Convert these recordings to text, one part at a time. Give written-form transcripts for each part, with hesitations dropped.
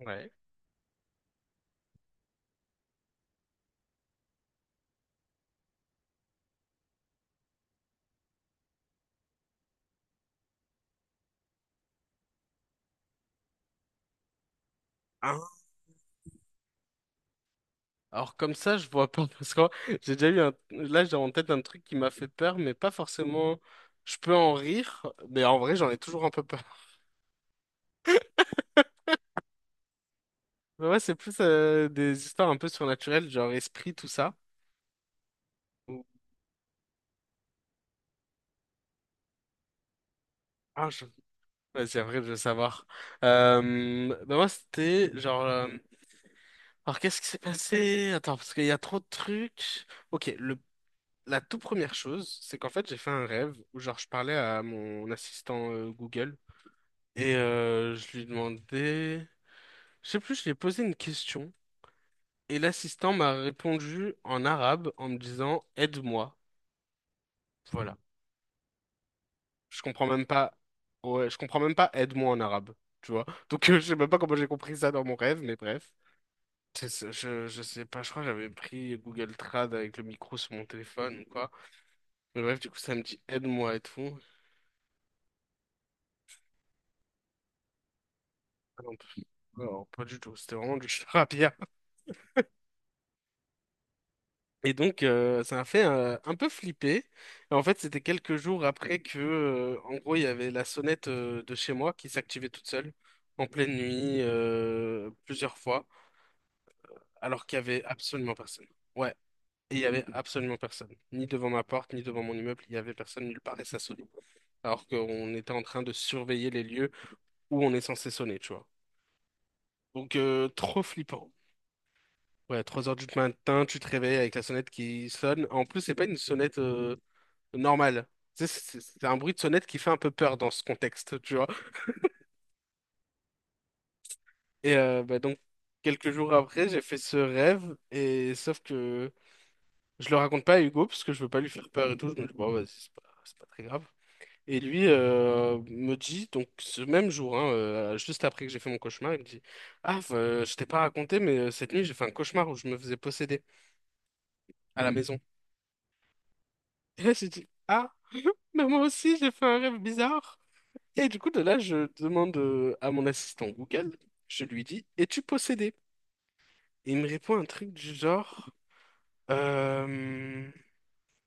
Ouais. Hein. Alors comme ça, je vois pas parce que j'ai déjà eu un... Là, j'ai en tête un truc qui m'a fait peur, mais pas forcément... Je peux en rire, mais en vrai, j'en ai toujours un peu peur. Mais ouais, c'est plus des histoires un peu surnaturelles, genre esprit, tout ça. Ou- Ah, je... ouais, c'est vrai, je veux savoir. Bah moi, c'était genre... alors, qu'est-ce qui s'est passé? Attends, parce qu'il y a trop de trucs. Ok, le... la toute première chose, c'est qu'en fait, j'ai fait un rêve où genre je parlais à mon assistant Google. Et je lui demandais, je sais plus, je lui ai posé une question et l'assistant m'a répondu en arabe en me disant aide-moi. Voilà. Je comprends même pas. Ouais, je comprends même pas aide-moi en arabe, tu vois. Donc je sais même pas comment j'ai compris ça dans mon rêve, mais bref. C'est ça. Je sais pas, je crois que j'avais pris Google Trad avec le micro sur mon téléphone ou quoi. Mais bref, du coup, ça me dit aide-moi et tout. Ah non, pff, non, pas du tout, c'était vraiment du charabia. Et donc, ça m'a fait un peu flipper. Et en fait, c'était quelques jours après que, en gros, il y avait la sonnette de chez moi qui s'activait toute seule en pleine nuit plusieurs fois, alors qu'il y avait absolument personne. Ouais, et il y avait absolument personne, ni devant ma porte, ni devant mon immeuble. Il y avait personne nulle part et ça sonnait. Alors qu'on était en train de surveiller les lieux où on est censé sonner, tu vois. Donc, trop flippant. Ouais, 3 heures du matin, tu te réveilles avec la sonnette qui sonne. En plus, c'est pas une sonnette normal. Tu sais, c'est un bruit de sonnette qui fait un peu peur dans ce contexte, tu vois. Et bah, donc, quelques jours après, j'ai fait ce rêve, et sauf que je le raconte pas à Hugo, parce que je veux pas lui faire peur et tout. Je me dis, bon, vas-y, c'est pas très grave. Et lui me dit, donc ce même jour, hein, juste après que j'ai fait mon cauchemar, il me dit, ah, je t'ai pas raconté, mais cette nuit, j'ai fait un cauchemar où je me faisais posséder à la maison. Et là, j'ai dit, ah, mais moi aussi, j'ai fait un rêve bizarre. Et du coup, de là, je demande à mon assistant Google, je lui dis, es-tu possédé? Et il me répond un truc du genre, euh...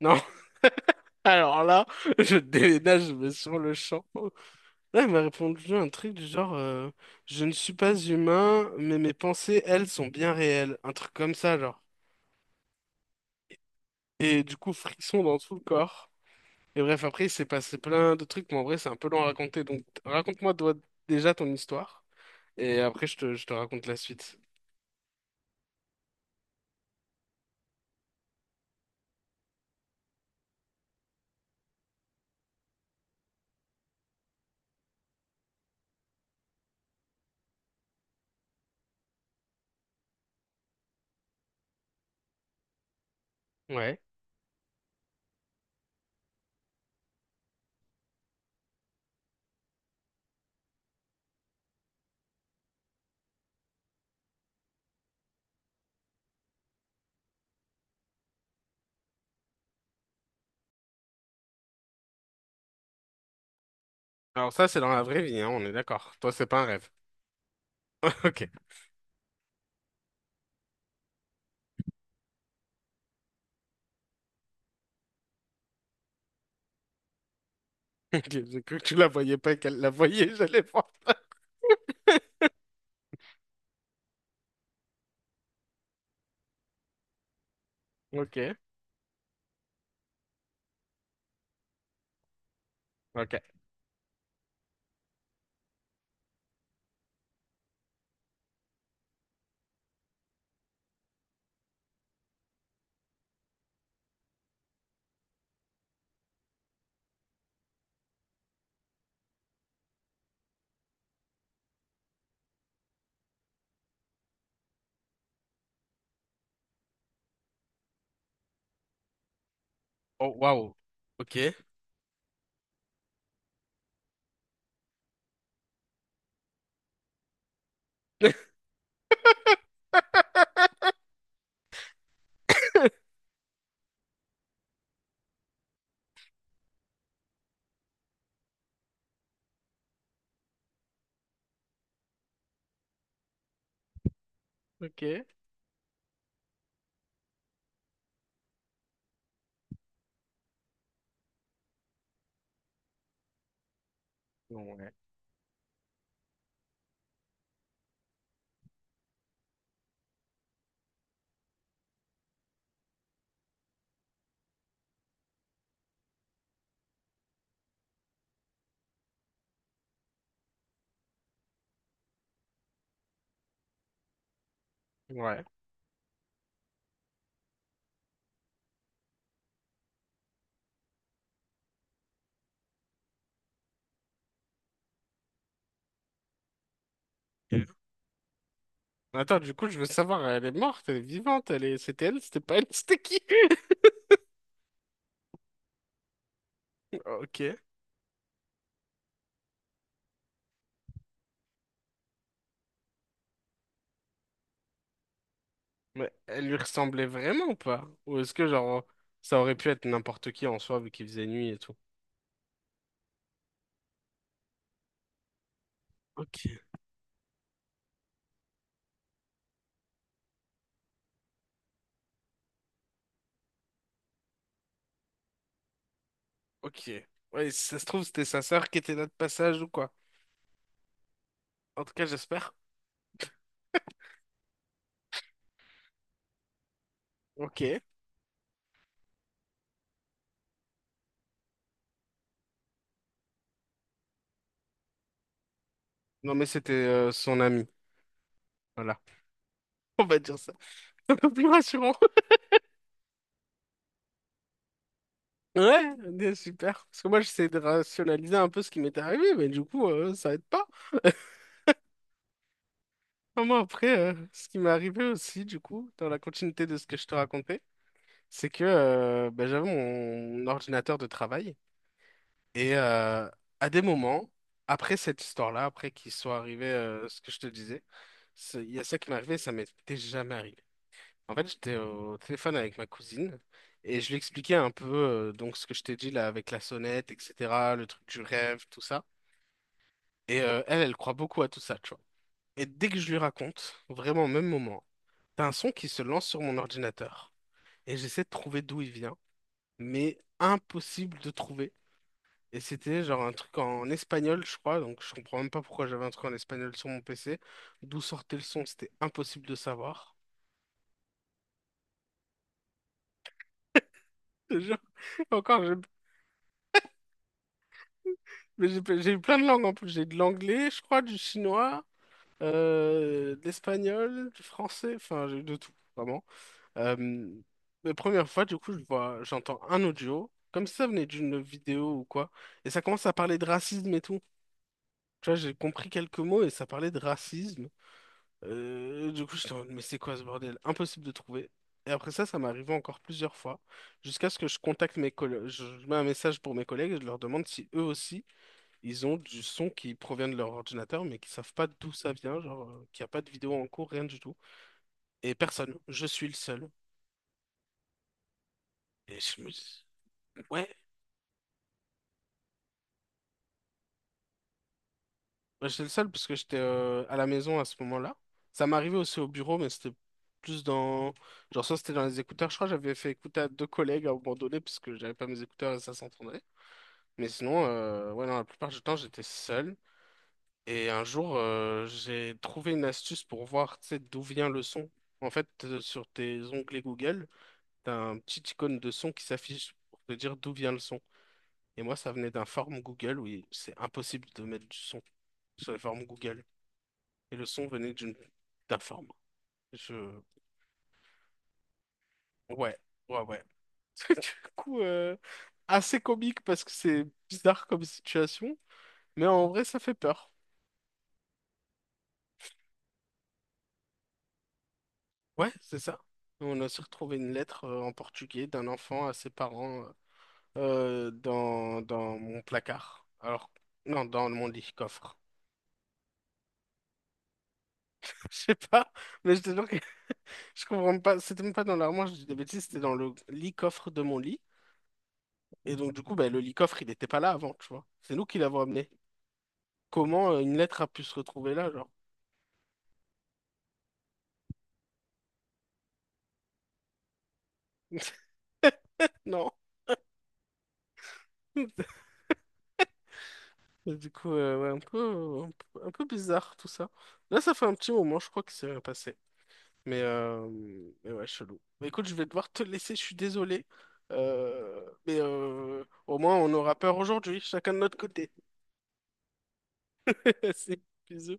non, alors là, je déménage, mais sur le champ. Là, il m'a répondu un truc du genre, je ne suis pas humain, mais mes pensées, elles, sont bien réelles. Un truc comme ça, genre. Et du coup, frisson dans tout le corps. Et bref, après, il s'est passé plein de trucs, mais en vrai, c'est un peu long à raconter. Donc, raconte-moi toi, déjà ton histoire, et après, je te raconte la suite. Ouais. Alors ça, c'est dans la vraie vie, hein, on est d'accord. Toi, c'est pas un rêve. Ok. Ok, j'ai cru que tu la voyais pas et qu'elle la voyait, j'allais voir. Ok. Ok. Oh, waouh. Ok. Ok. Bon, ouais. Ouais. Ok. Attends, du coup, je veux savoir, elle est morte, elle est vivante, elle est... c'était elle, c'était pas elle, c'était qui? Ok. Mais elle lui ressemblait vraiment ou pas? Ou est-ce que, genre, ça aurait pu être n'importe qui en soi, vu qu'il faisait nuit et tout? Ok. Ok. Ouais, si ça se trouve, c'était sa sœur qui était là de passage ou quoi? En tout cas, j'espère. Ok. Non, mais c'était son ami. Voilà. On va dire ça. Un peu plus rassurant. Ouais, bien, super. Parce que moi, j'essaie de rationaliser un peu ce qui m'était arrivé, mais du coup, ça aide pas. Ah, moi, après, ce qui m'est arrivé aussi, du coup, dans la continuité de ce que je te racontais, c'est que bah, j'avais mon ordinateur de travail. Et à des moments, après cette histoire-là, après qu'il soit arrivé ce que je te disais, c'est- il y a ça qui m'est arrivé, ça m'était jamais arrivé. En fait, j'étais au téléphone avec ma cousine et je lui expliquais un peu donc ce que je t'ai dit là avec la sonnette, etc., le truc du rêve, tout ça. Et elle, elle croit beaucoup à tout ça, tu vois. Et dès que je lui raconte, vraiment au même moment, t'as un son qui se lance sur mon ordinateur et j'essaie de trouver d'où il vient, mais impossible de trouver. Et c'était genre un truc en espagnol, je crois, donc je comprends même pas pourquoi j'avais un truc en espagnol sur mon PC. D'où sortait le son, c'était impossible de savoir. Je te jure que encore, mais j'ai eu plein de langues en plus. J'ai de l'anglais, je crois, du chinois, de l'espagnol, du français, enfin, j'ai eu de tout, vraiment. Euh, la première fois, du coup, je vois, j'entends un audio, comme si ça venait d'une vidéo ou quoi, et ça commence à parler de racisme et tout. Tu vois, j'ai compris quelques mots et ça parlait de racisme. Du coup, je me mais c'est quoi ce bordel? Impossible de trouver. Et après ça, ça m'est arrivé encore plusieurs fois, jusqu'à ce que je contacte mes collègues, je mets un message pour mes collègues et je leur demande si eux aussi ils ont du son qui provient de leur ordinateur, mais qui savent pas d'où ça vient, genre, qu'il n'y a pas de vidéo en cours, rien du tout. Et personne, je suis le seul. Et je me dis, ouais, ouais, j'étais le seul parce que j'étais à la maison à ce moment-là. Ça m'arrivait aussi au bureau, mais c'était plus dans. Genre, soit c'était dans les écouteurs, je crois que j'avais fait écouter à deux collègues à un moment donné, parce que j'avais pas mes écouteurs et ça s'entendait. Mais sinon, ouais, non, la plupart du temps, j'étais seul. Et un jour, j'ai trouvé une astuce pour voir, tu sais, d'où vient le son. En fait, sur tes onglets Google, t'as un petit icône de son qui s'affiche pour te dire d'où vient le son. Et moi, ça venait d'un form Google où il- c'est impossible de mettre du son sur les formes Google. Et le son venait d'une d'un form. Je... ouais, ouais, ouais. Du coup, assez comique parce que c'est bizarre comme situation, mais en vrai, ça fait peur. Ouais, c'est ça. On a aussi retrouvé une lettre en portugais d'un enfant à ses parents dans, dans mon placard. Alors, non, dans mon lit, coffre. Je sais pas, mais je te jure je comprends pas, c'était même pas dans l'armoire, je dis des bêtises, c'était dans le lit coffre de mon lit. Et donc, du coup, bah, le lit coffre, il n'était pas là avant, tu vois. C'est nous qui l'avons amené. Comment une lettre a pu se retrouver là, genre? Non. Et du coup, ouais, un peu, un peu, un peu bizarre tout ça. Là, ça fait un petit moment, je crois que c'est rien passé. Mais, euh, mais ouais, chelou. Mais écoute, je vais devoir te laisser, je suis désolé. Mais au moins, on aura peur aujourd'hui, chacun de notre côté. C'est bisous.